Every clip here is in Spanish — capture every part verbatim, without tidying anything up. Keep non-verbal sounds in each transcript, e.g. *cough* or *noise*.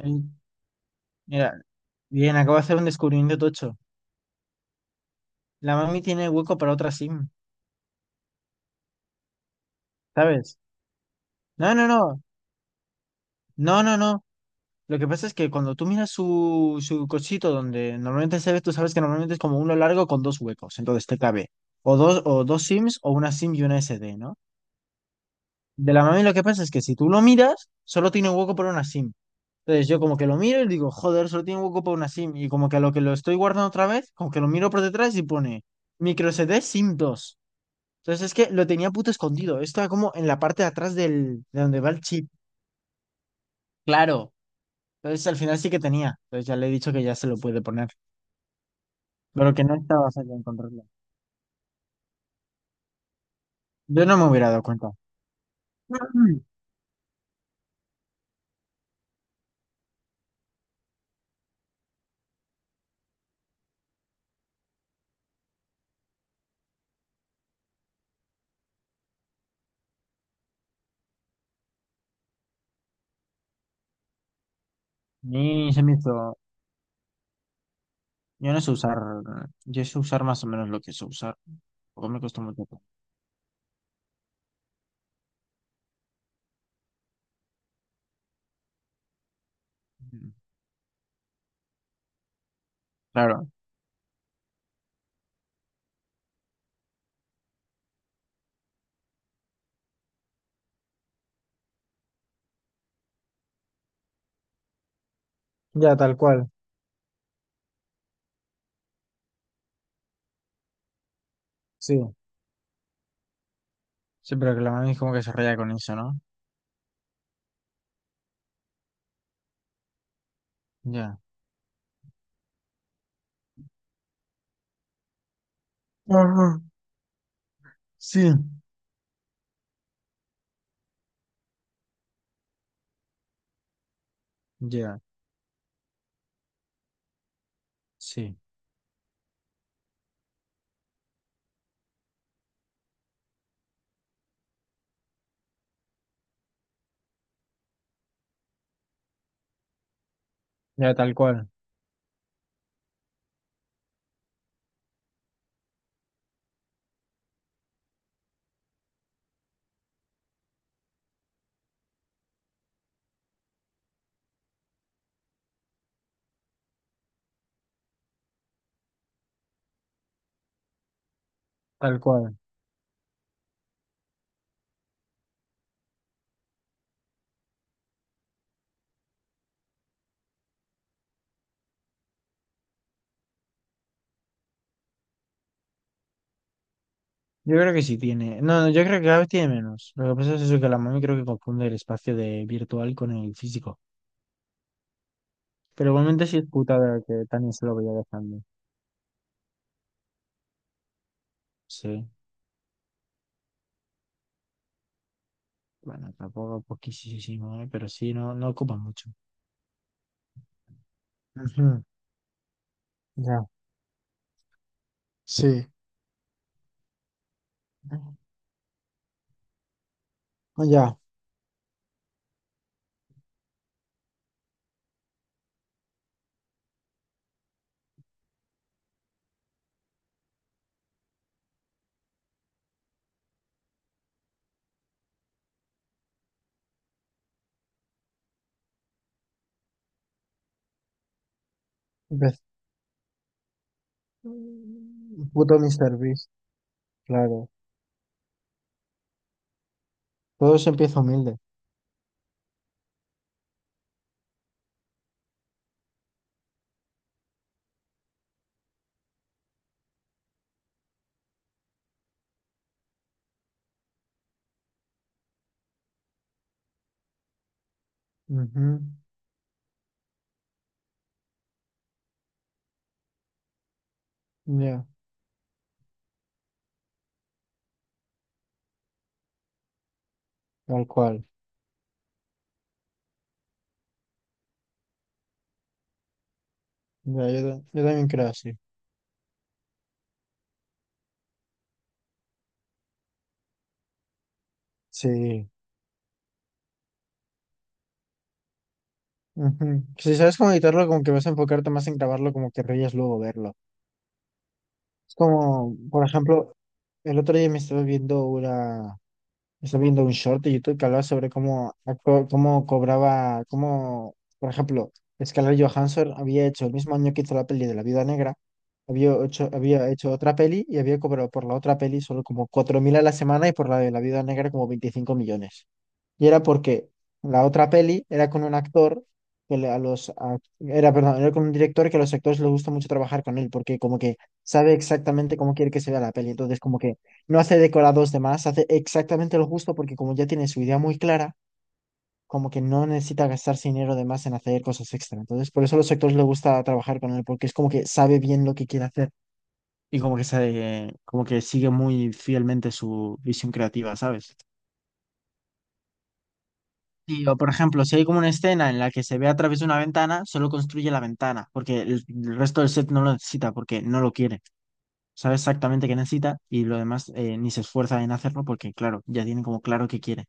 Ey, mira, bien, acabo de hacer un descubrimiento tocho. La mami tiene hueco para otra SIM, ¿sabes? No, no, no, no, no, no. Lo que pasa es que cuando tú miras su, su cochito donde normalmente se ve, tú sabes que normalmente es como uno largo con dos huecos, entonces te cabe o dos, o dos SIMs o una SIM y una S D, ¿no? De la mami lo que pasa es que si tú lo miras, solo tiene hueco para una SIM. Entonces yo como que lo miro y digo, joder, solo tiene hueco para una SIM. Y como que a lo que lo estoy guardando otra vez, como que lo miro por detrás y pone micro S D SIM dos. Entonces es que lo tenía puto escondido. Estaba como en la parte de atrás del, de donde va el chip. Claro. Entonces al final sí que tenía. Entonces ya le he dicho que ya se lo puede poner. Pero que no estaba fácil de encontrarlo. Yo no me hubiera dado cuenta. *clears throat* Ni se me hizo. Yo no sé usar. Yo sé usar más o menos lo que sé usar. Porque me costó mucho tiempo. Mm. Claro. Ya, tal cual. Sí. Sí, pero que la mami como que se raya con eso, ¿no? Ya. Ajá. Sí. Ya, sí. Ya, tal cual. Tal cual. Yo creo que sí tiene. No, no, yo creo que cada vez tiene menos. Lo que pasa es eso, que la mami creo que confunde el espacio de virtual con el físico. Pero igualmente sí es putada que también se lo vaya dejando. Sí. Bueno, tampoco poquísimo, ¿eh? Pero sí, no, no ocupa mucho. Ujú. Ya, sí. Ah. Ya. Empe- Puto Mister Beast, claro. Todo se empieza humilde. Ujú. Ya, tal cual. Ya, yo, ta- yo también creo así. Sí. Ujú. Si sabes cómo editarlo, como que vas a enfocarte más en grabarlo, como que reyes luego verlo. Es como, por ejemplo, el otro día me estaba viendo una, estaba viendo un short de YouTube que hablaba sobre cómo, co- cómo cobraba, cómo, por ejemplo, Scarlett Johansson había hecho el mismo año que hizo la peli de La Viuda Negra, había hecho, había hecho otra peli y había cobrado por la otra peli solo como cuatro mil a la semana y por la de La Viuda Negra como veinticinco millones. Y era porque la otra peli era con un actor que le- a los ac- era, perdón, era con un director que a los actores les gusta mucho trabajar con él, porque como que sabe exactamente cómo quiere que se vea la peli. Entonces, como que no hace decorados de más, hace exactamente lo justo, porque como ya tiene su idea muy clara, como que no necesita gastarse dinero de más en hacer cosas extra. Entonces, por eso a los actores les gusta trabajar con él, porque es como que sabe bien lo que quiere hacer y como que sabe, como que sigue muy fielmente su visión creativa, ¿sabes? Sí, o por ejemplo, si hay como una escena en la que se ve a través de una ventana, solo construye la ventana, porque el, el resto del set no lo necesita, porque no lo quiere. Sabe exactamente qué necesita y lo demás, eh, ni se esfuerza en hacerlo porque, claro, ya tienen como claro qué quiere.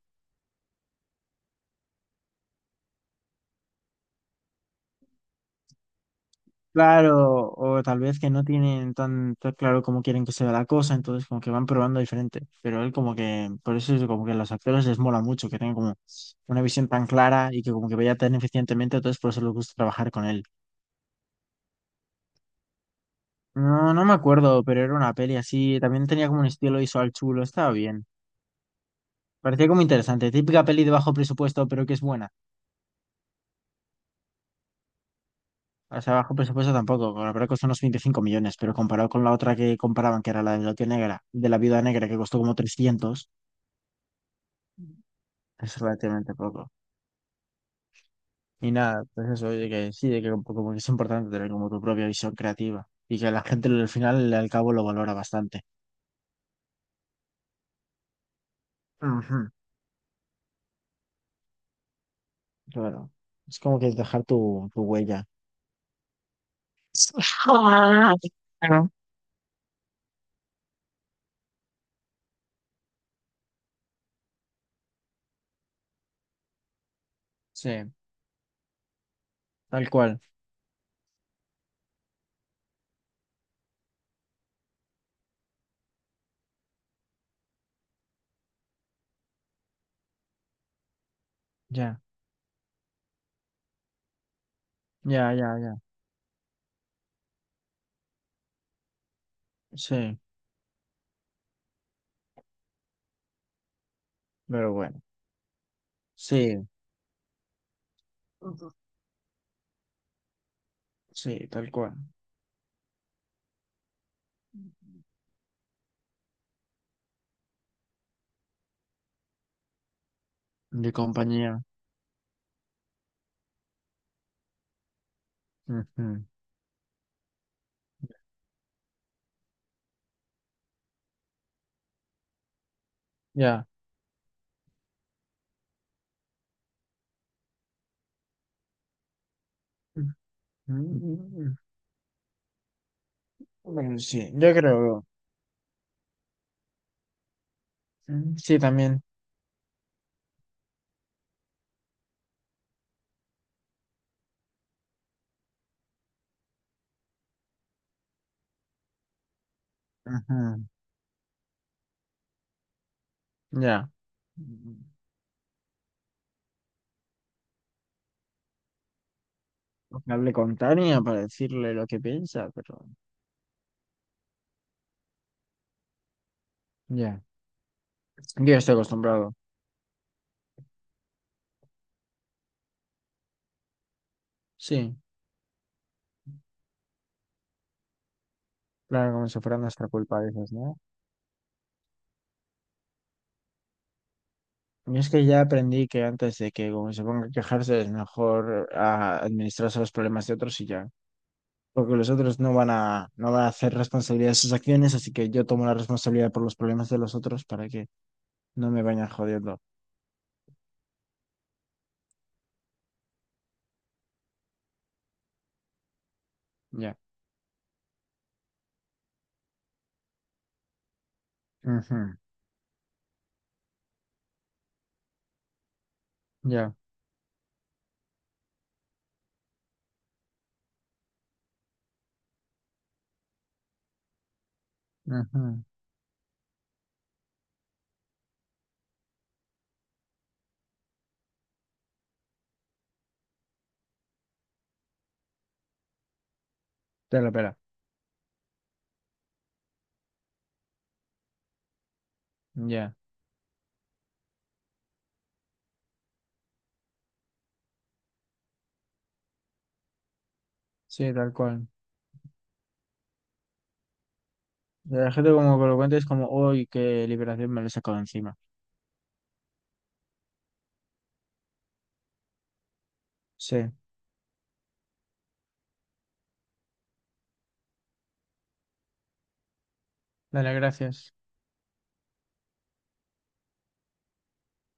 Claro, o tal vez que no tienen tan, tan claro cómo quieren que sea la cosa, entonces como que van probando diferente. Pero él como que, por eso es como que a los actores les mola mucho que tengan como una visión tan clara y que como que vaya tan eficientemente, entonces por eso les gusta trabajar con él. No, no me acuerdo, pero era una peli así. También tenía como un estilo visual chulo, estaba bien. Parecía como interesante. Típica peli de bajo presupuesto, pero que es buena. O sea, bajo presupuesto tampoco. La verdad costó unos veinticinco millones, pero comparado con la otra que comparaban, que era la de la tía negra, de la viuda negra, que costó como trescientos, es relativamente poco. Y nada, pues eso, de que sí, de que como como que es importante tener como tu propia visión creativa. Y que la gente al final, al cabo, lo valora bastante. Ujú. Claro. Es como que es dejar tu, tu huella. *laughs* Sí, tal cual. Ya, ya, ya, ya. Sí, pero bueno. Sí. Ujú. Sí, tal cual. De compañía. Ujú. Ya. Ujú. Bueno, sí, yo creo. Mm. Sí, también. Ujú. Ya. Mm. Hablé con Tania para decirle lo que piensa, pero. Ya. Yo estoy acostumbrado. Sí. Claro, como si fuera nuestra culpa, a ¿no? Y es que ya aprendí que antes de que como se ponga a quejarse es mejor, ah, administrarse los problemas de otros y ya. Porque los otros no van a, no van a hacer responsabilidad de sus acciones, así que yo tomo la responsabilidad por los problemas de los otros para que no me vayan jodiendo. Ya. Ujú. Ya. Ujú. Te la pela. Ya. Sí, tal cual. La gente como que lo cuenta es como, uy, qué liberación, me lo he sacado encima. Sí. Dale, gracias.